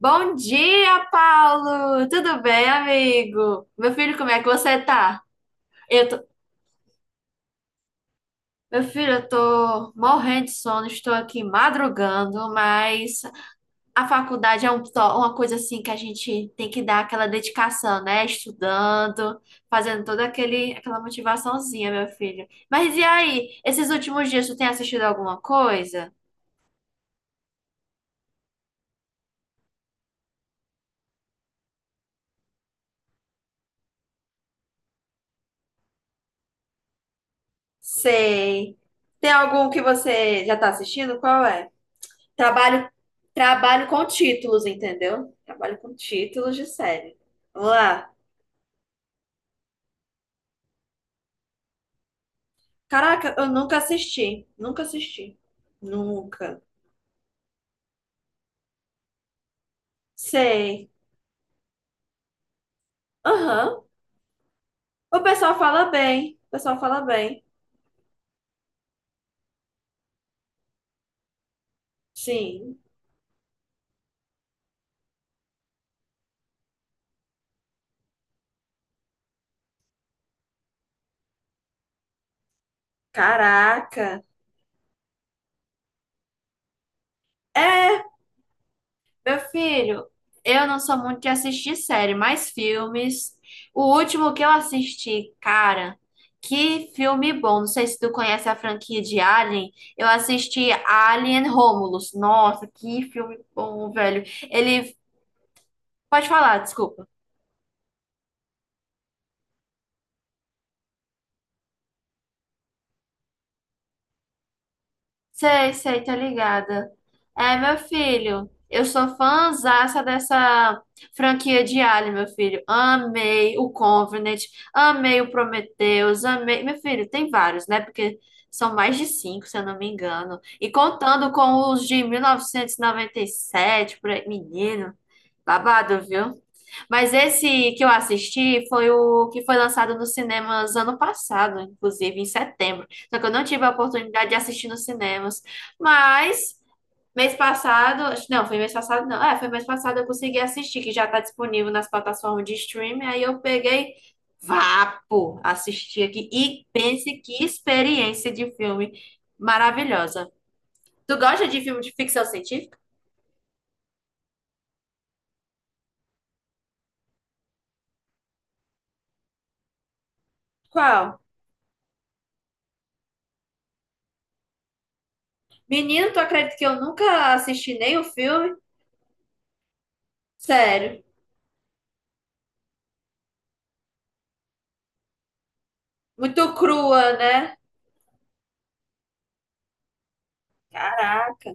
Bom dia, Paulo! Tudo bem, amigo? Meu filho, como é que você tá? Eu tô... Meu filho, eu tô morrendo de sono, estou aqui madrugando, mas a faculdade é uma coisa assim que a gente tem que dar aquela dedicação, né? Estudando, fazendo toda aquela motivaçãozinha, meu filho. Mas e aí, esses últimos dias, tu tem assistido alguma coisa? Sei. Tem algum que você já tá assistindo? Qual é? Trabalho, trabalho com títulos, entendeu? Trabalho com títulos de série. Vamos lá. Caraca, eu nunca assisti. Nunca assisti. Nunca. Sei. Aham. O pessoal fala bem. O pessoal fala bem. Sim. Caraca. É. Meu filho, eu não sou muito de assistir série, mas filmes. O último que eu assisti, cara, que filme bom. Não sei se tu conhece a franquia de Alien. Eu assisti Alien Romulus. Nossa, que filme bom, velho. Ele. Pode falar, desculpa. Sei, sei, tá ligada. É, meu filho, eu sou fãzaça dessa franquia de Alien, meu filho. Amei o Covenant, amei o Prometheus, amei. Meu filho, tem vários, né? Porque são mais de cinco, se eu não me engano. E contando com os de 1997, por aí, menino, babado, viu? Mas esse que eu assisti foi o que foi lançado nos cinemas ano passado, inclusive em setembro. Só que eu não tive a oportunidade de assistir nos cinemas. Mas mês passado, não, foi mês passado, não. É, foi mês passado eu consegui assistir, que já está disponível nas plataformas de streaming. Aí eu peguei, vapo, assisti aqui e pense que experiência de filme maravilhosa. Tu gosta de filme de ficção científica? Qual? Menino, tu acredita que eu nunca assisti nem o filme? Sério. Muito crua, né? Caraca.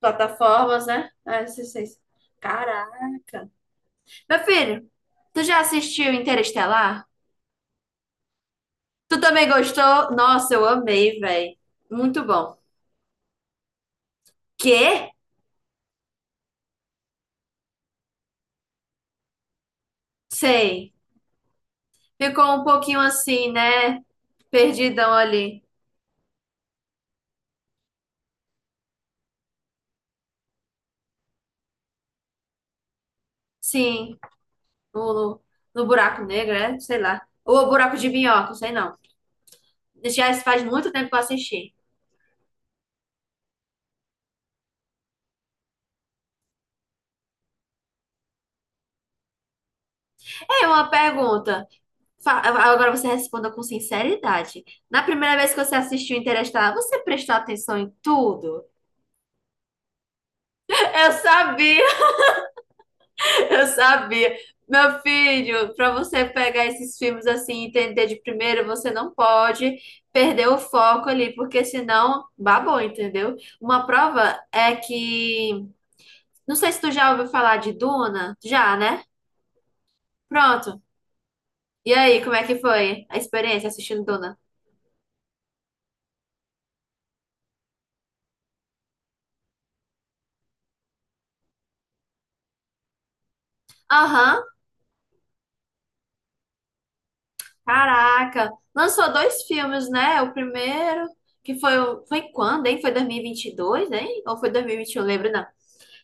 Plataformas, né? Ah, sei, sei. Sei. Caraca. Meu filho, tu já assistiu Interestelar? Tu também gostou? Nossa, eu amei, velho. Muito bom. Quê? Sei. Ficou um pouquinho assim, né? Perdidão ali. Sim, no, buraco negro, né? Sei lá. Ou o buraco de minhoca, sei não. Já faz muito tempo que eu assisti. É uma pergunta. Agora você responda com sinceridade. Na primeira vez que você assistiu Interestelar, você prestou atenção em tudo? Eu sabia, eu sabia. Meu filho, para você pegar esses filmes assim e entender de primeiro, você não pode perder o foco ali, porque senão babou, entendeu? Uma prova é que. Não sei se tu já ouviu falar de Duna. Já, né? Pronto. E aí, como é que foi a experiência assistindo Duna? Aham. Caraca, lançou dois filmes, né? O primeiro, que foi, foi quando, hein? Foi 2022, hein? Ou foi 2021? Lembro não.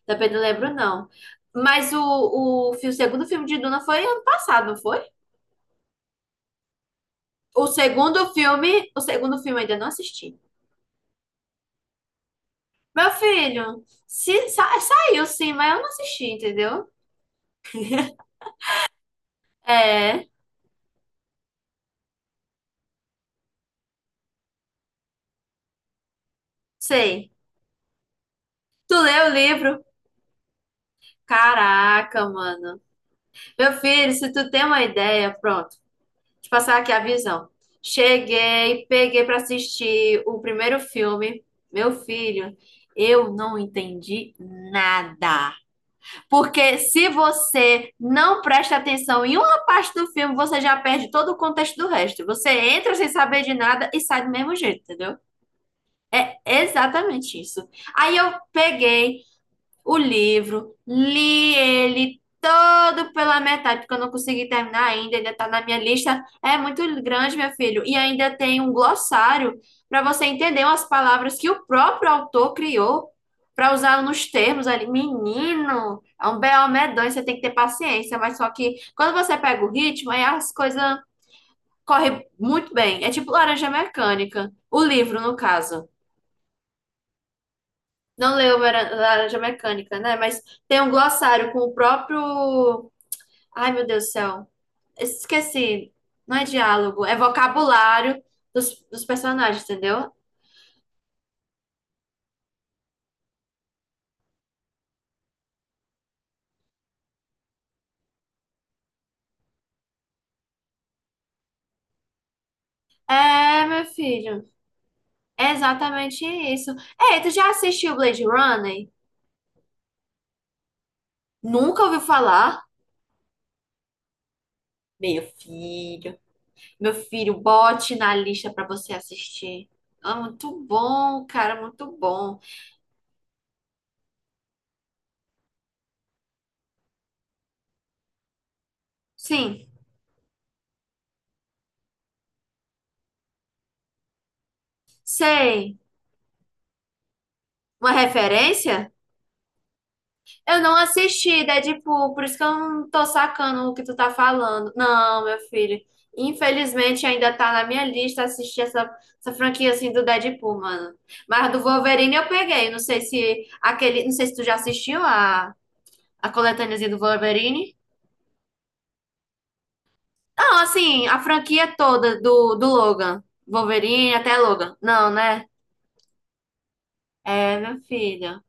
Também não lembro não. Mas o segundo filme de Duna foi ano passado, não foi? O segundo filme eu ainda não assisti. Meu filho, se, sa- saiu sim, mas eu não assisti, entendeu? É, sei. Tu leu o livro? Caraca, mano. Meu filho, se tu tem uma ideia, pronto. Te passar aqui a visão. Cheguei, peguei para assistir o primeiro filme, meu filho. Eu não entendi nada. Porque se você não presta atenção em uma parte do filme, você já perde todo o contexto do resto. Você entra sem saber de nada e sai do mesmo jeito, entendeu? É exatamente isso. Aí eu peguei, o livro, li ele todo pela metade, porque eu não consegui terminar ainda, ainda está na minha lista. É muito grande, meu filho, e ainda tem um glossário para você entender umas palavras que o próprio autor criou para usar nos termos ali. Menino, é um BO medonho, você tem que ter paciência, mas só que quando você pega o ritmo, aí as coisas correm muito bem. É tipo Laranja Mecânica, o livro, no caso. Não leu Laranja Mecânica, né? Mas tem um glossário com o próprio. Ai, meu Deus do céu. Esqueci. Não é diálogo, é vocabulário dos personagens, entendeu? É, meu filho. É exatamente isso. Ei, tu já assistiu Blade Runner? Nunca ouviu falar? Meu filho. Meu filho, bote na lista pra você assistir. É muito bom, cara, muito bom. Sim, sei. Uma referência? Eu não assisti, Deadpool, por isso que eu não tô sacando o que tu tá falando. Não, meu filho. Infelizmente ainda tá na minha lista assistir essa franquia assim do Deadpool, mano. Mas do Wolverine eu peguei. Não sei se aquele. Não sei se tu já assistiu a coletâneazinha do Wolverine. Não, assim, a franquia toda do Logan. Wolverine até Logan. Não, né? É, meu filho.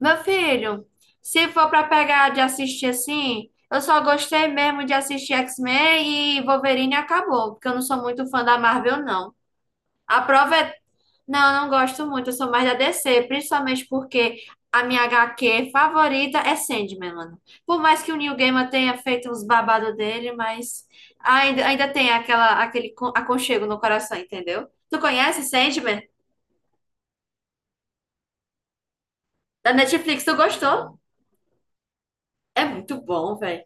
Meu filho, se for pra pegar de assistir assim, eu só gostei mesmo de assistir X-Men e Wolverine e acabou, porque eu não sou muito fã da Marvel, não. A prova é. Não, eu não gosto muito, eu sou mais da DC, principalmente porque a minha HQ favorita é Sandman, mano. Por mais que o Neil Gaiman tenha feito uns babados dele, mas ainda tem aconchego no coração, entendeu? Tu conhece Sandman? Da Netflix, tu gostou? É muito bom, velho.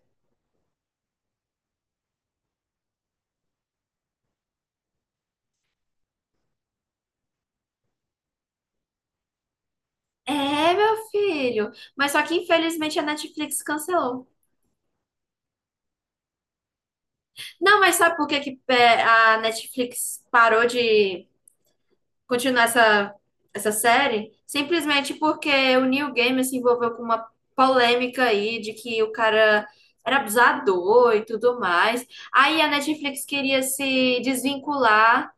É, meu filho. Mas só que infelizmente a Netflix cancelou. Não, mas sabe por que que é, a Netflix parou de continuar essa série? Simplesmente porque o Neil Gaiman se envolveu com uma polêmica aí de que o cara era abusador e tudo mais. Aí a Netflix queria se desvincular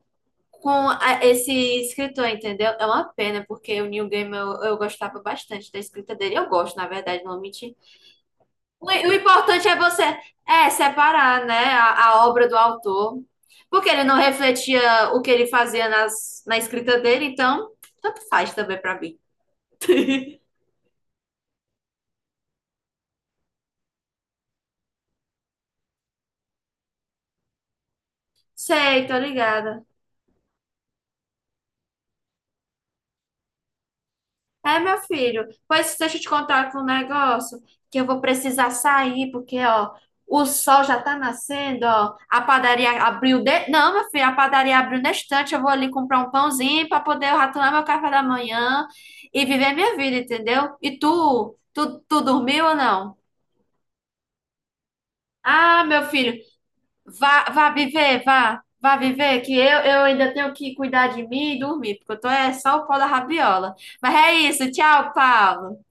com esse escritor, entendeu? É uma pena, porque o Neil Gaiman eu gostava bastante da escrita dele. Eu gosto, na verdade, não vou mentir. O importante é você é separar, né, a obra do autor, porque ele não refletia o que ele fazia na escrita dele, então tanto faz também pra mim. Sei, tô ligada. É, meu filho. Pois deixa eu te contar aqui um negócio que eu vou precisar sair, porque, ó, o sol já tá nascendo, ó. A padaria abriu de... Não, meu filho, a padaria abriu na estante. Eu vou ali comprar um pãozinho para poder ratonar meu café da manhã e viver minha vida, entendeu? E tu, tu dormiu ou não? Ah, meu filho, vá, vá viver, que eu ainda tenho que cuidar de mim e dormir, porque eu tô é só o pó da rabiola. Mas é isso, tchau, Paulo.